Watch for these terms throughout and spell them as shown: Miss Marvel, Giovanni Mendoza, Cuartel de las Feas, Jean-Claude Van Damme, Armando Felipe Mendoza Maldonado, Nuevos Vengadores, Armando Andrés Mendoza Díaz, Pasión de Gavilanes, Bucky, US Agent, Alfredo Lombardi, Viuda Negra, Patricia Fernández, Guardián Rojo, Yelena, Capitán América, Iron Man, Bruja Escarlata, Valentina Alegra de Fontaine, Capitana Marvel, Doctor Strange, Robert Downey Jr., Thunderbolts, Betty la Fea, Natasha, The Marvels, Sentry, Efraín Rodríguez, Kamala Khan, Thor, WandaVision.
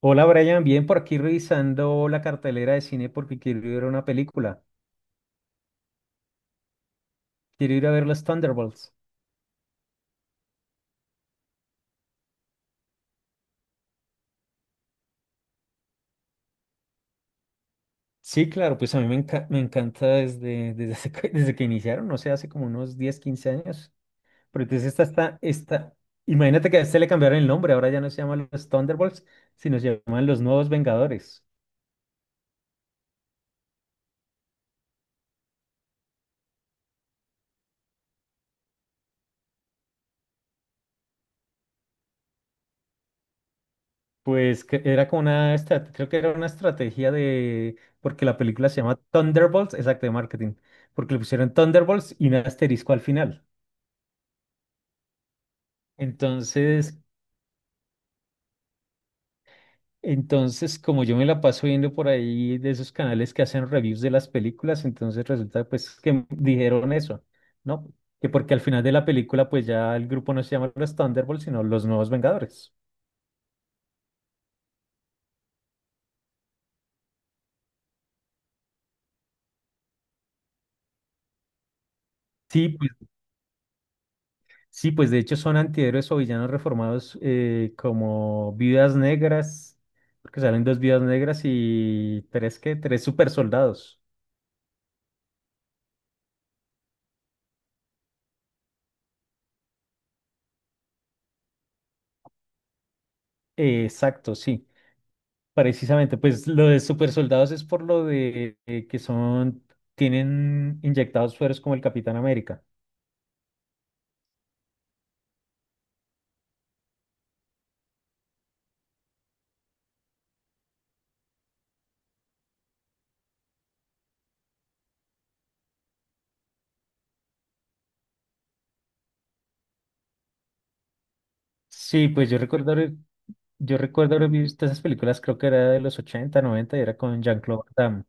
Hola Brian, bien por aquí revisando la cartelera de cine porque quiero ir a ver una película. Quiero ir a ver los Thunderbolts. Sí, claro, pues a mí me, enca- me encanta desde que iniciaron, no sé, hace como unos 10, 15 años. Pero entonces imagínate que a este le cambiaron el nombre, ahora ya no se llaman los Thunderbolts, sino se llaman los Nuevos Vengadores. Pues que era como creo que era una estrategia de, porque la película se llama Thunderbolts, exacto, de marketing, porque le pusieron Thunderbolts y un asterisco al final. Entonces, entonces, como yo me la paso viendo por ahí de esos canales que hacen reviews de las películas, entonces resulta pues que dijeron eso, ¿no? Que porque al final de la película pues ya el grupo no se llama los Thunderbolts, sino los Nuevos Vengadores. Sí, pues, sí, pues de hecho son antihéroes o villanos reformados como viudas negras, porque salen dos viudas negras y tres super soldados. Exacto, sí. Precisamente, pues lo de super soldados es por lo de tienen inyectados sueros como el Capitán América. Sí, pues yo recuerdo haber visto esas películas, creo que era de los 80, noventa y era con Jean-Claude Van Damme.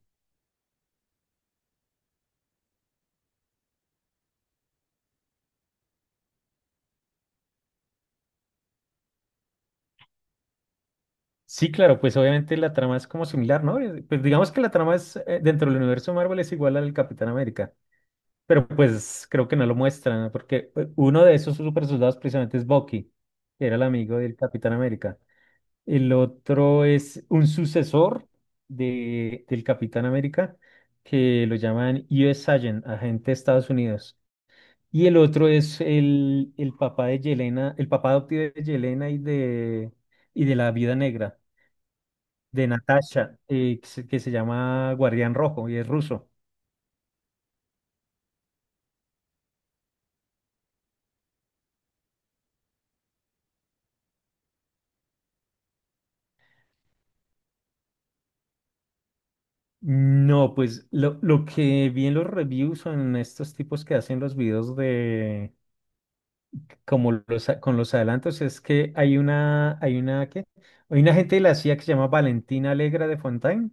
Sí, claro, pues obviamente la trama es como similar, ¿no? Pues digamos que dentro del universo Marvel es igual al Capitán América, pero pues creo que no lo muestran, ¿no? Porque uno de esos super soldados precisamente es Bucky, que era el amigo del Capitán América. El otro es un sucesor del Capitán América, que lo llaman US Agent, agente de Estados Unidos. Y el otro es el papá de Yelena, el papá adoptivo de Yelena y de la Viuda Negra, de Natasha, que se llama Guardián Rojo y es ruso. No, pues lo que vi en los reviews o en estos tipos que hacen los videos como con los adelantos, es que ¿qué? Hay una gente de la CIA que se llama Valentina Alegra de Fontaine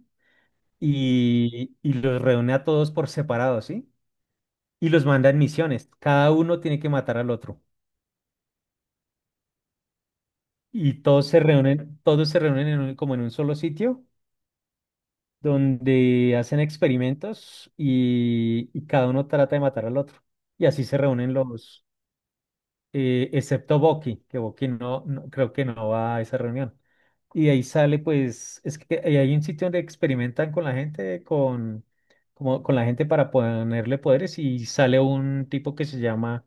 y los reúne a todos por separado, ¿sí? Y los manda en misiones. Cada uno tiene que matar al otro. Y todos se reúnen en como en un solo sitio donde hacen experimentos y cada uno trata de matar al otro. Y así se reúnen excepto Boqui, que Boqui no, no- creo que no va a esa reunión. Y de ahí sale, pues, es que ahí hay un sitio donde experimentan con la gente, con, como, con la gente para ponerle poderes y sale un tipo que se llama,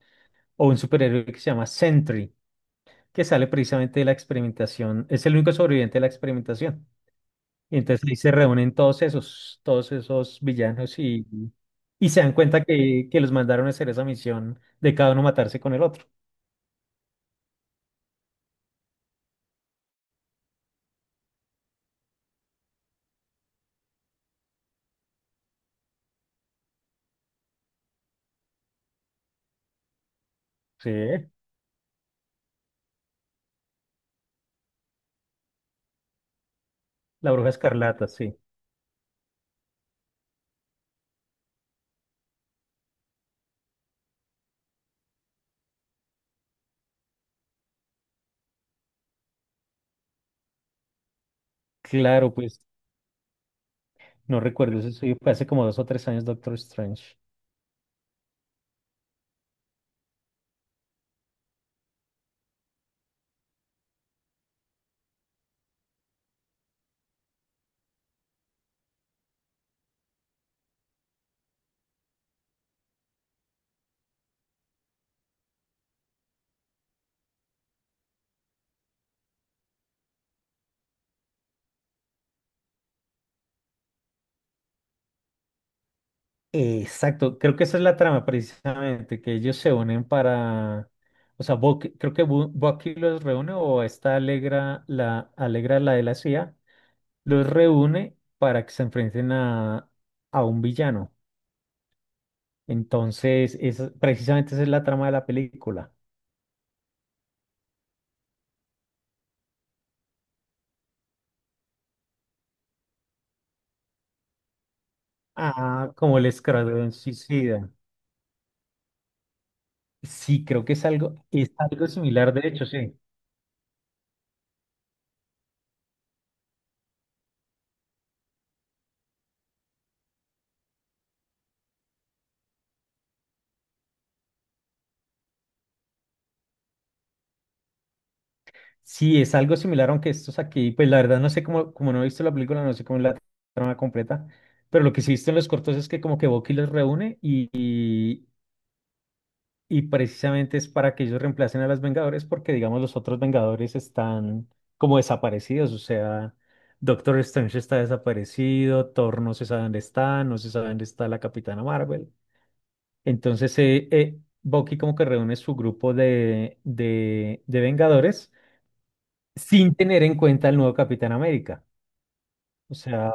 o un superhéroe que se llama Sentry, que sale precisamente de la experimentación, es el único sobreviviente de la experimentación. Y entonces ahí se reúnen todos esos villanos y se dan cuenta que los mandaron a hacer esa misión de cada uno matarse con el otro. Sí. La Bruja Escarlata, sí. Claro, pues no recuerdo, eso sí, fue hace como dos o tres años Doctor Strange. Exacto, creo que esa es la trama precisamente, que ellos se unen para, o sea, Bucky los reúne o la Alegra, la de la CIA, los reúne para que se enfrenten a un villano. Entonces, precisamente esa es la trama de la película. Ah, como el escuadrón suicida. Sí, creo que es es algo similar, de hecho, sí. Sí, es algo similar, aunque estos aquí, pues la verdad no sé cómo, como no he visto la película, no sé cómo es la trama completa, pero lo que sí he visto en los cortos es que como que Bucky los reúne y, y precisamente es para que ellos reemplacen a los Vengadores porque digamos los otros Vengadores están como desaparecidos, o sea, Doctor Strange está desaparecido, Thor no se sabe dónde está, no se sabe dónde está la Capitana Marvel. Entonces, Bucky como que reúne su grupo de Vengadores sin tener en cuenta el nuevo Capitán América. O sea,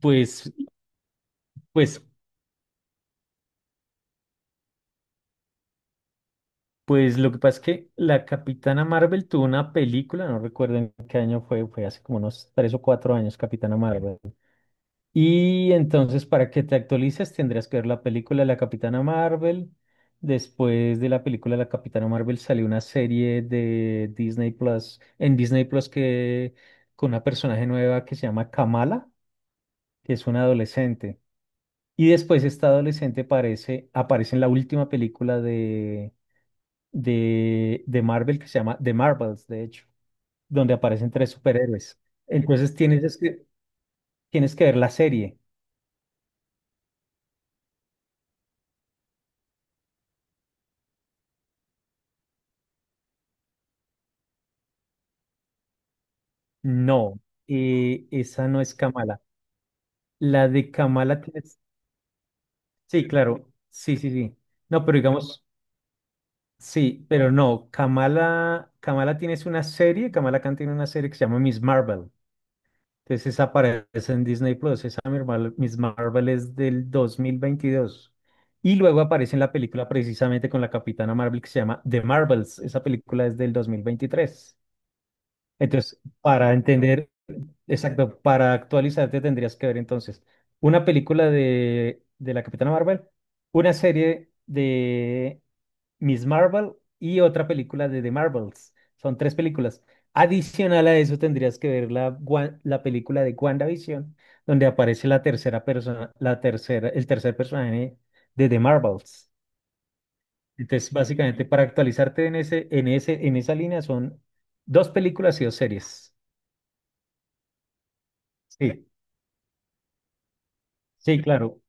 pues, pues, pues lo que pasa es que la Capitana Marvel tuvo una película, no recuerdo en qué año fue, fue hace como unos tres o cuatro años, Capitana Marvel. Y entonces, para que te actualices, tendrías que ver la película de la Capitana Marvel. Después de la película de la Capitana Marvel salió una serie de Disney Plus, en Disney Plus que con una personaje nueva que se llama Kamala, que es una adolescente. Y después esta adolescente aparece en la última película de Marvel que se llama The Marvels, de hecho, donde aparecen tres superhéroes. Entonces tienes es que, tienes que ver la serie. No, esa no es Kamala. La de Kamala tienes- Sí, claro. Sí, sí, sí. No, pero digamos, sí, pero no. Kamala tienes una serie, Kamala Khan tiene una serie que se llama Miss Marvel. Entonces esa aparece en Disney Plus, esa Miss Marvel, Miss Marvel es del 2022. Y luego aparece en la película precisamente con la Capitana Marvel que se llama The Marvels. Esa película es del 2023. Entonces, para entender, exacto, para actualizarte tendrías que ver entonces una película de la Capitana Marvel, una serie de Miss Marvel y otra película de The Marvels. Son tres películas. Adicional a eso tendrías que ver la película de WandaVision, donde aparece la tercera persona, la tercera, el tercer personaje de The Marvels. Entonces, básicamente, para actualizarte en en esa línea son dos películas y dos series. Sí, sí, claro.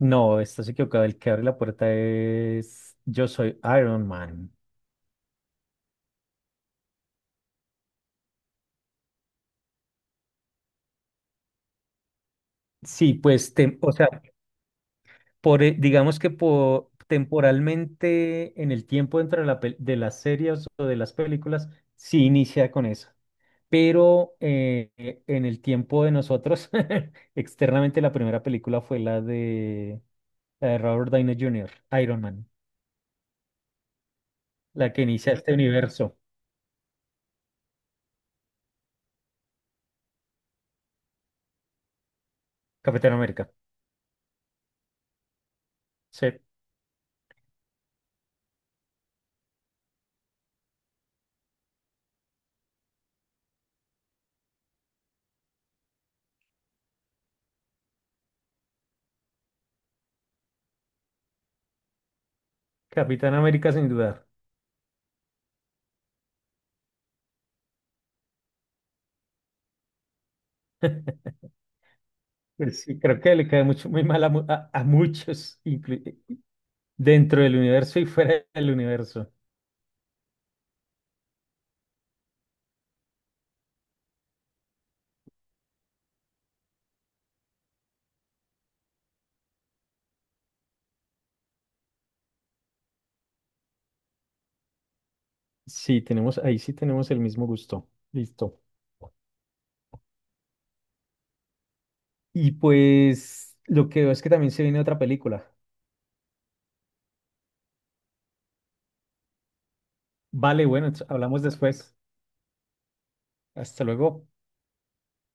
No, estás equivocado. El que abre la puerta es Yo soy Iron Man. Sí, pues, o sea, por, digamos que temporalmente en el tiempo dentro de, de las series o de las películas, sí inicia con eso. Pero en el tiempo de nosotros, externamente la primera película fue la de Robert Downey Jr., Iron Man, la que inicia este universo, Capitán América. Sí, Capitán América sin dudar. Pues sí, creo que le cae muy mal a, a muchos, dentro del universo y fuera del universo. Sí, tenemos, ahí sí tenemos el mismo gusto. Listo. Y pues lo que veo es que también se viene otra película. Vale, bueno, hablamos después. Hasta luego.